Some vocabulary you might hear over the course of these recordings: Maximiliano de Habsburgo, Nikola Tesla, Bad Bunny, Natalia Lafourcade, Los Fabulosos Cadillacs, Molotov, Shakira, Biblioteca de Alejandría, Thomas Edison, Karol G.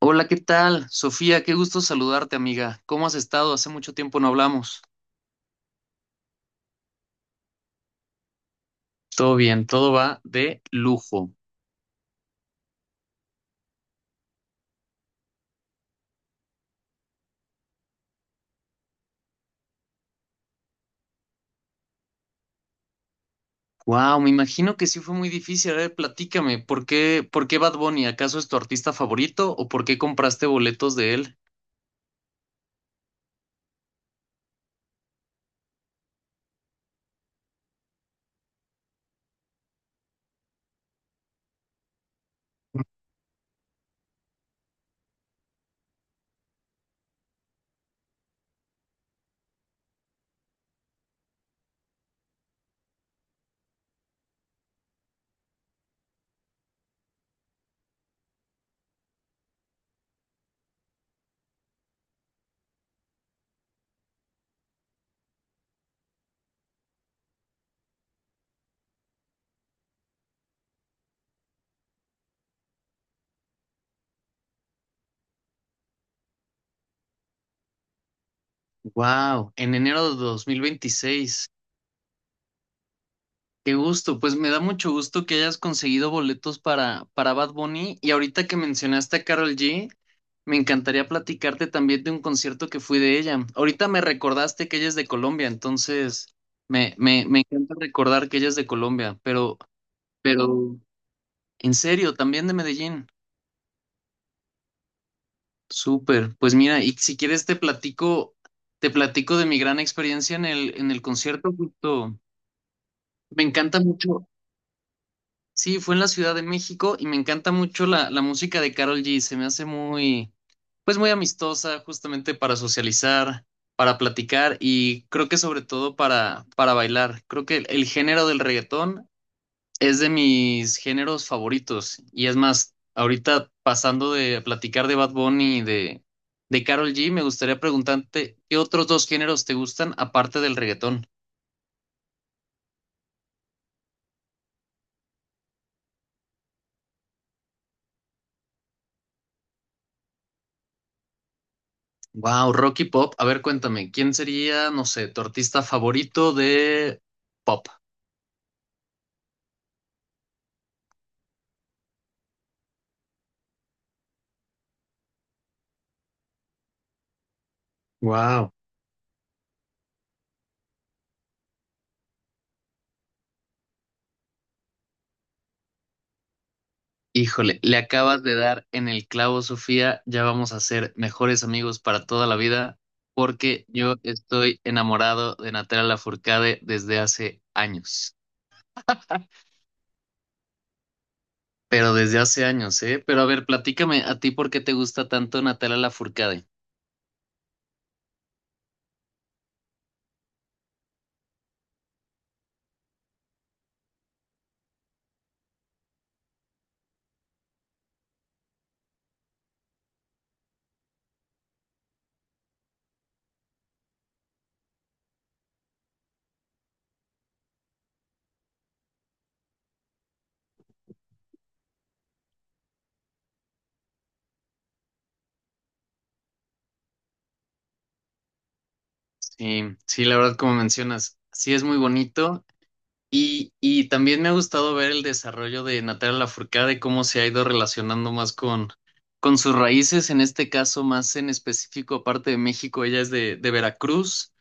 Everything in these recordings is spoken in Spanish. Hola, ¿qué tal? Sofía, qué gusto saludarte, amiga. ¿Cómo has estado? Hace mucho tiempo no hablamos. Todo bien, todo va de lujo. Wow, me imagino que sí fue muy difícil. A ver, platícame, ¿por qué Bad Bunny? ¿Acaso es tu artista favorito o por qué compraste boletos de él? Wow, en enero de 2026. Qué gusto, pues me da mucho gusto que hayas conseguido boletos para Bad Bunny y ahorita que mencionaste a Carol G, me encantaría platicarte también de un concierto que fui de ella. Ahorita me recordaste que ella es de Colombia, entonces me encanta recordar que ella es de Colombia, pero en serio, también de Medellín. Súper, pues mira, y si quieres te platico de mi gran experiencia en el concierto, justo. Me encanta mucho. Sí, fue en la Ciudad de México y me encanta mucho la música de Karol G. Se me hace muy, pues muy amistosa, justamente para socializar, para platicar y creo que sobre todo para bailar. Creo que el género del reggaetón es de mis géneros favoritos. Y es más, ahorita pasando de platicar de Bad Bunny y de Karol G, me gustaría preguntarte, ¿qué otros dos géneros te gustan aparte del reggaetón? Wow, Rocky Pop. A ver, cuéntame, ¿quién sería, no sé, tu artista favorito de pop? Wow. Híjole, le acabas de dar en el clavo, Sofía. Ya vamos a ser mejores amigos para toda la vida, porque yo estoy enamorado de Natalia Lafourcade desde hace años. Pero desde hace años, ¿eh? Pero a ver, platícame a ti por qué te gusta tanto Natalia Lafourcade. Sí, sí, la verdad, como mencionas, sí es muy bonito. Y también me ha gustado ver el desarrollo de Natalia Lafourcade, cómo se ha ido relacionando más con sus raíces, en este caso más en específico, aparte de México, ella es de Veracruz,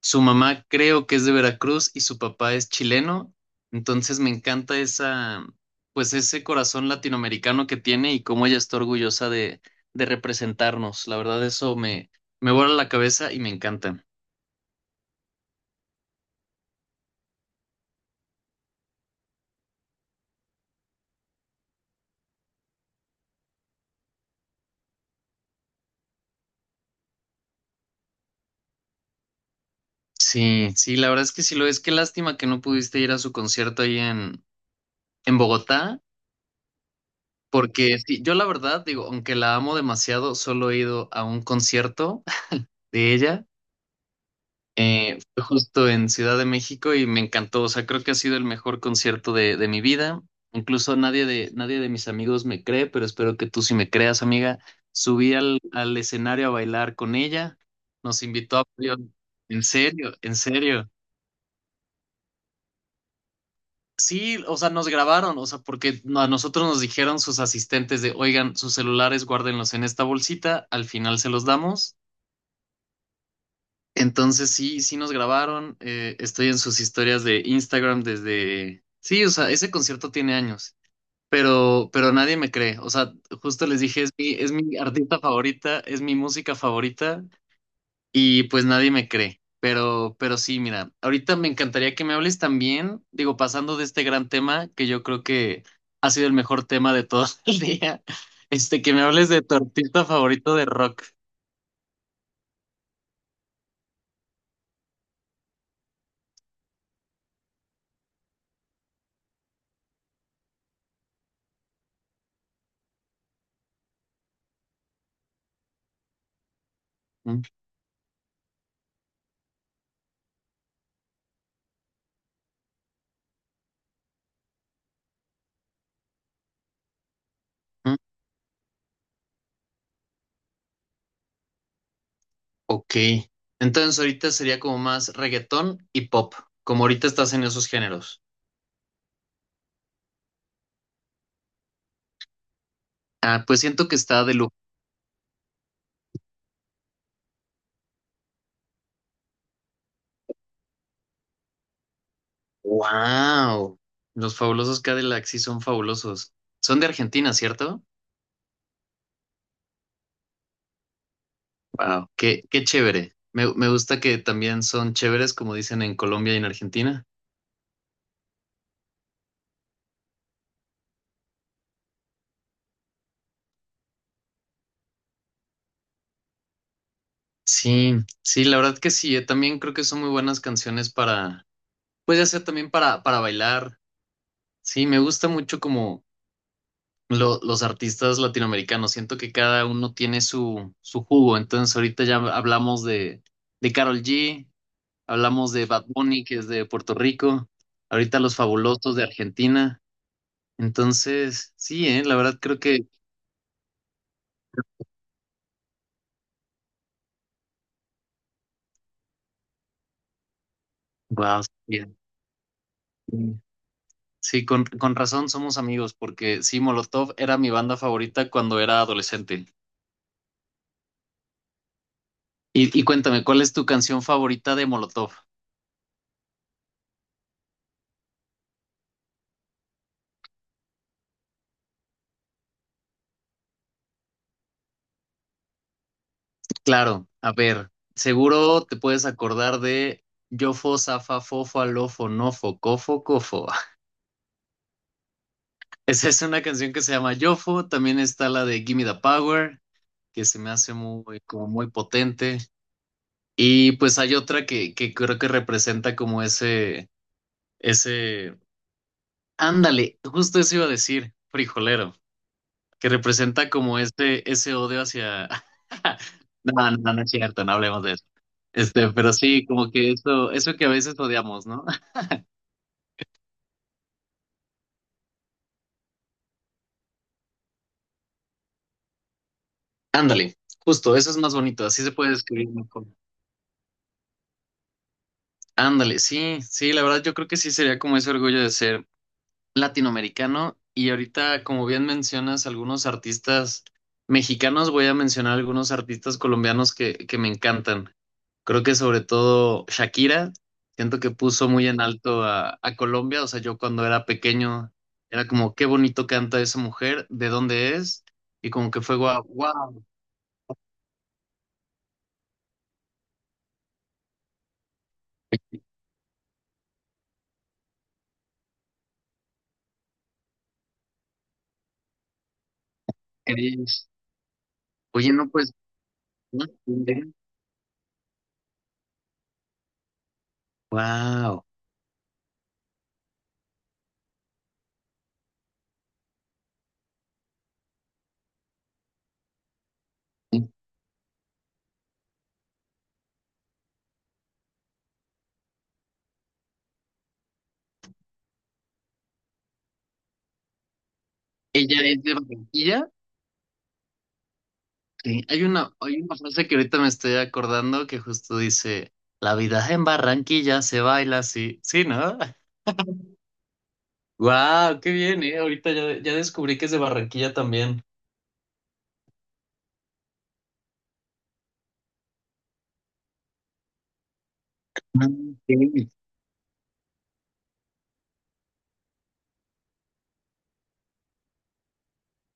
su mamá creo que es de Veracruz y su papá es chileno, entonces me encanta esa, pues ese corazón latinoamericano que tiene y cómo ella está orgullosa de representarnos, la verdad eso me, me vuela la cabeza y me encanta. Sí, sí, la verdad es que sí lo es. Qué lástima que no pudiste ir a su concierto ahí en Bogotá, porque sí, yo la verdad digo, aunque la amo demasiado, solo he ido a un concierto de ella. Fue justo en Ciudad de México y me encantó. O sea, creo que ha sido el mejor concierto de mi vida. Incluso nadie de, nadie de mis amigos me cree, pero espero que tú sí me creas, amiga. Subí al escenario a bailar con ella. Nos invitó a... En serio, en serio. Sí, o sea, nos grabaron, o sea, porque no, a nosotros nos dijeron sus asistentes de, oigan, sus celulares guárdenlos en esta bolsita, al final se los damos. Entonces sí, sí nos grabaron, estoy en sus historias de Instagram desde... Sí, o sea, ese concierto tiene años, pero nadie me cree, o sea, justo les dije, es mi artista favorita, es mi música favorita y pues nadie me cree. Pero sí, mira, ahorita me encantaría que me hables también, digo, pasando de este gran tema, que yo creo que ha sido el mejor tema de todo el día, este, que me hables de tu artista favorito de rock. Ujú. Ok. Entonces ahorita sería como más reggaetón y pop, como ahorita estás en esos géneros. Ah, pues siento que está de lujo. ¡Wow! Los fabulosos Cadillacs sí son fabulosos. Son de Argentina, ¿cierto? Wow, qué chévere. Me gusta que también son chéveres, como dicen en Colombia y en Argentina. Sí, sí, la verdad que sí. Yo también creo que son muy buenas canciones para, pues ya sea también para bailar. Sí, me gusta mucho como los artistas latinoamericanos. Siento que cada uno tiene su, su jugo. Entonces ahorita ya hablamos de Karol G, hablamos de Bad Bunny, que es de Puerto Rico, ahorita Los Fabulosos de Argentina. Entonces, sí, la verdad creo que, wow. Sí, sí, con razón somos amigos, porque sí, Molotov era mi banda favorita cuando era adolescente. Y cuéntame, ¿cuál es tu canción favorita de Molotov? Claro, a ver, seguro te puedes acordar de Yofo, Zafa, Fofo, Alofo, Nofo, Cofo, Cofo. Esa es una canción que se llama Yofo, también está la de Gimme the Power, que se me hace muy, como muy potente. Y pues hay otra que creo que representa como ese... Ándale, justo eso iba a decir, frijolero, que representa como este, ese odio hacia... No, no, no es cierto, no hablemos de eso. Este, pero sí, como que eso que a veces odiamos, ¿no? Ándale, justo, eso es más bonito, así se puede describir mejor. Ándale, sí, sí, la verdad yo creo que sí sería como ese orgullo de ser latinoamericano y ahorita, como bien mencionas, algunos artistas mexicanos, voy a mencionar algunos artistas colombianos que me encantan. Creo que sobre todo Shakira, siento que puso muy en alto a Colombia. O sea, yo cuando era pequeño era como, qué bonito canta esa mujer, de dónde es, y como que fue guau, wow, eres. Oye, no, pues, wow. Ella es de Barranquilla. Sí. Hay una frase que ahorita me estoy acordando que justo dice, la vida en Barranquilla se baila así. Sí, ¿no? Wow, qué bien, ¿eh? Ahorita ya, ya descubrí que es de Barranquilla también. Ah, ok.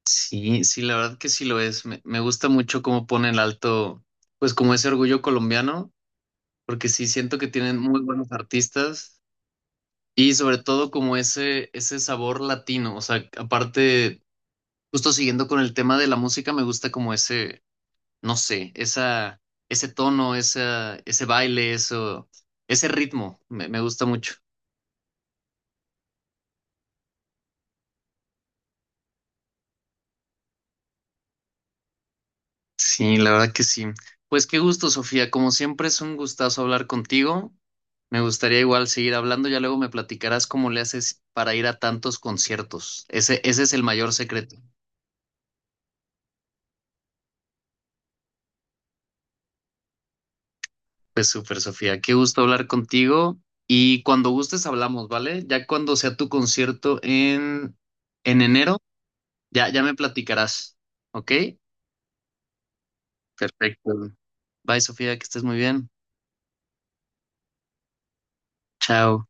Sí, sí, la verdad que sí lo es. Me gusta mucho cómo ponen alto, pues como ese orgullo colombiano, porque sí siento que tienen muy buenos artistas y sobre todo como ese sabor latino. O sea, aparte, justo siguiendo con el tema de la música, me gusta como ese, no sé, esa, ese tono, esa, ese baile, eso, ese ritmo. Me gusta mucho. Sí, la verdad que sí. Pues qué gusto, Sofía. Como siempre es un gustazo hablar contigo. Me gustaría igual seguir hablando. Ya luego me platicarás cómo le haces para ir a tantos conciertos. Ese es el mayor secreto. Pues súper, Sofía. Qué gusto hablar contigo. Y cuando gustes hablamos, ¿vale? Ya cuando sea tu concierto en enero, ya, ya me platicarás. ¿Ok? Perfecto. Bye, Sofía, que estés muy bien. Chao.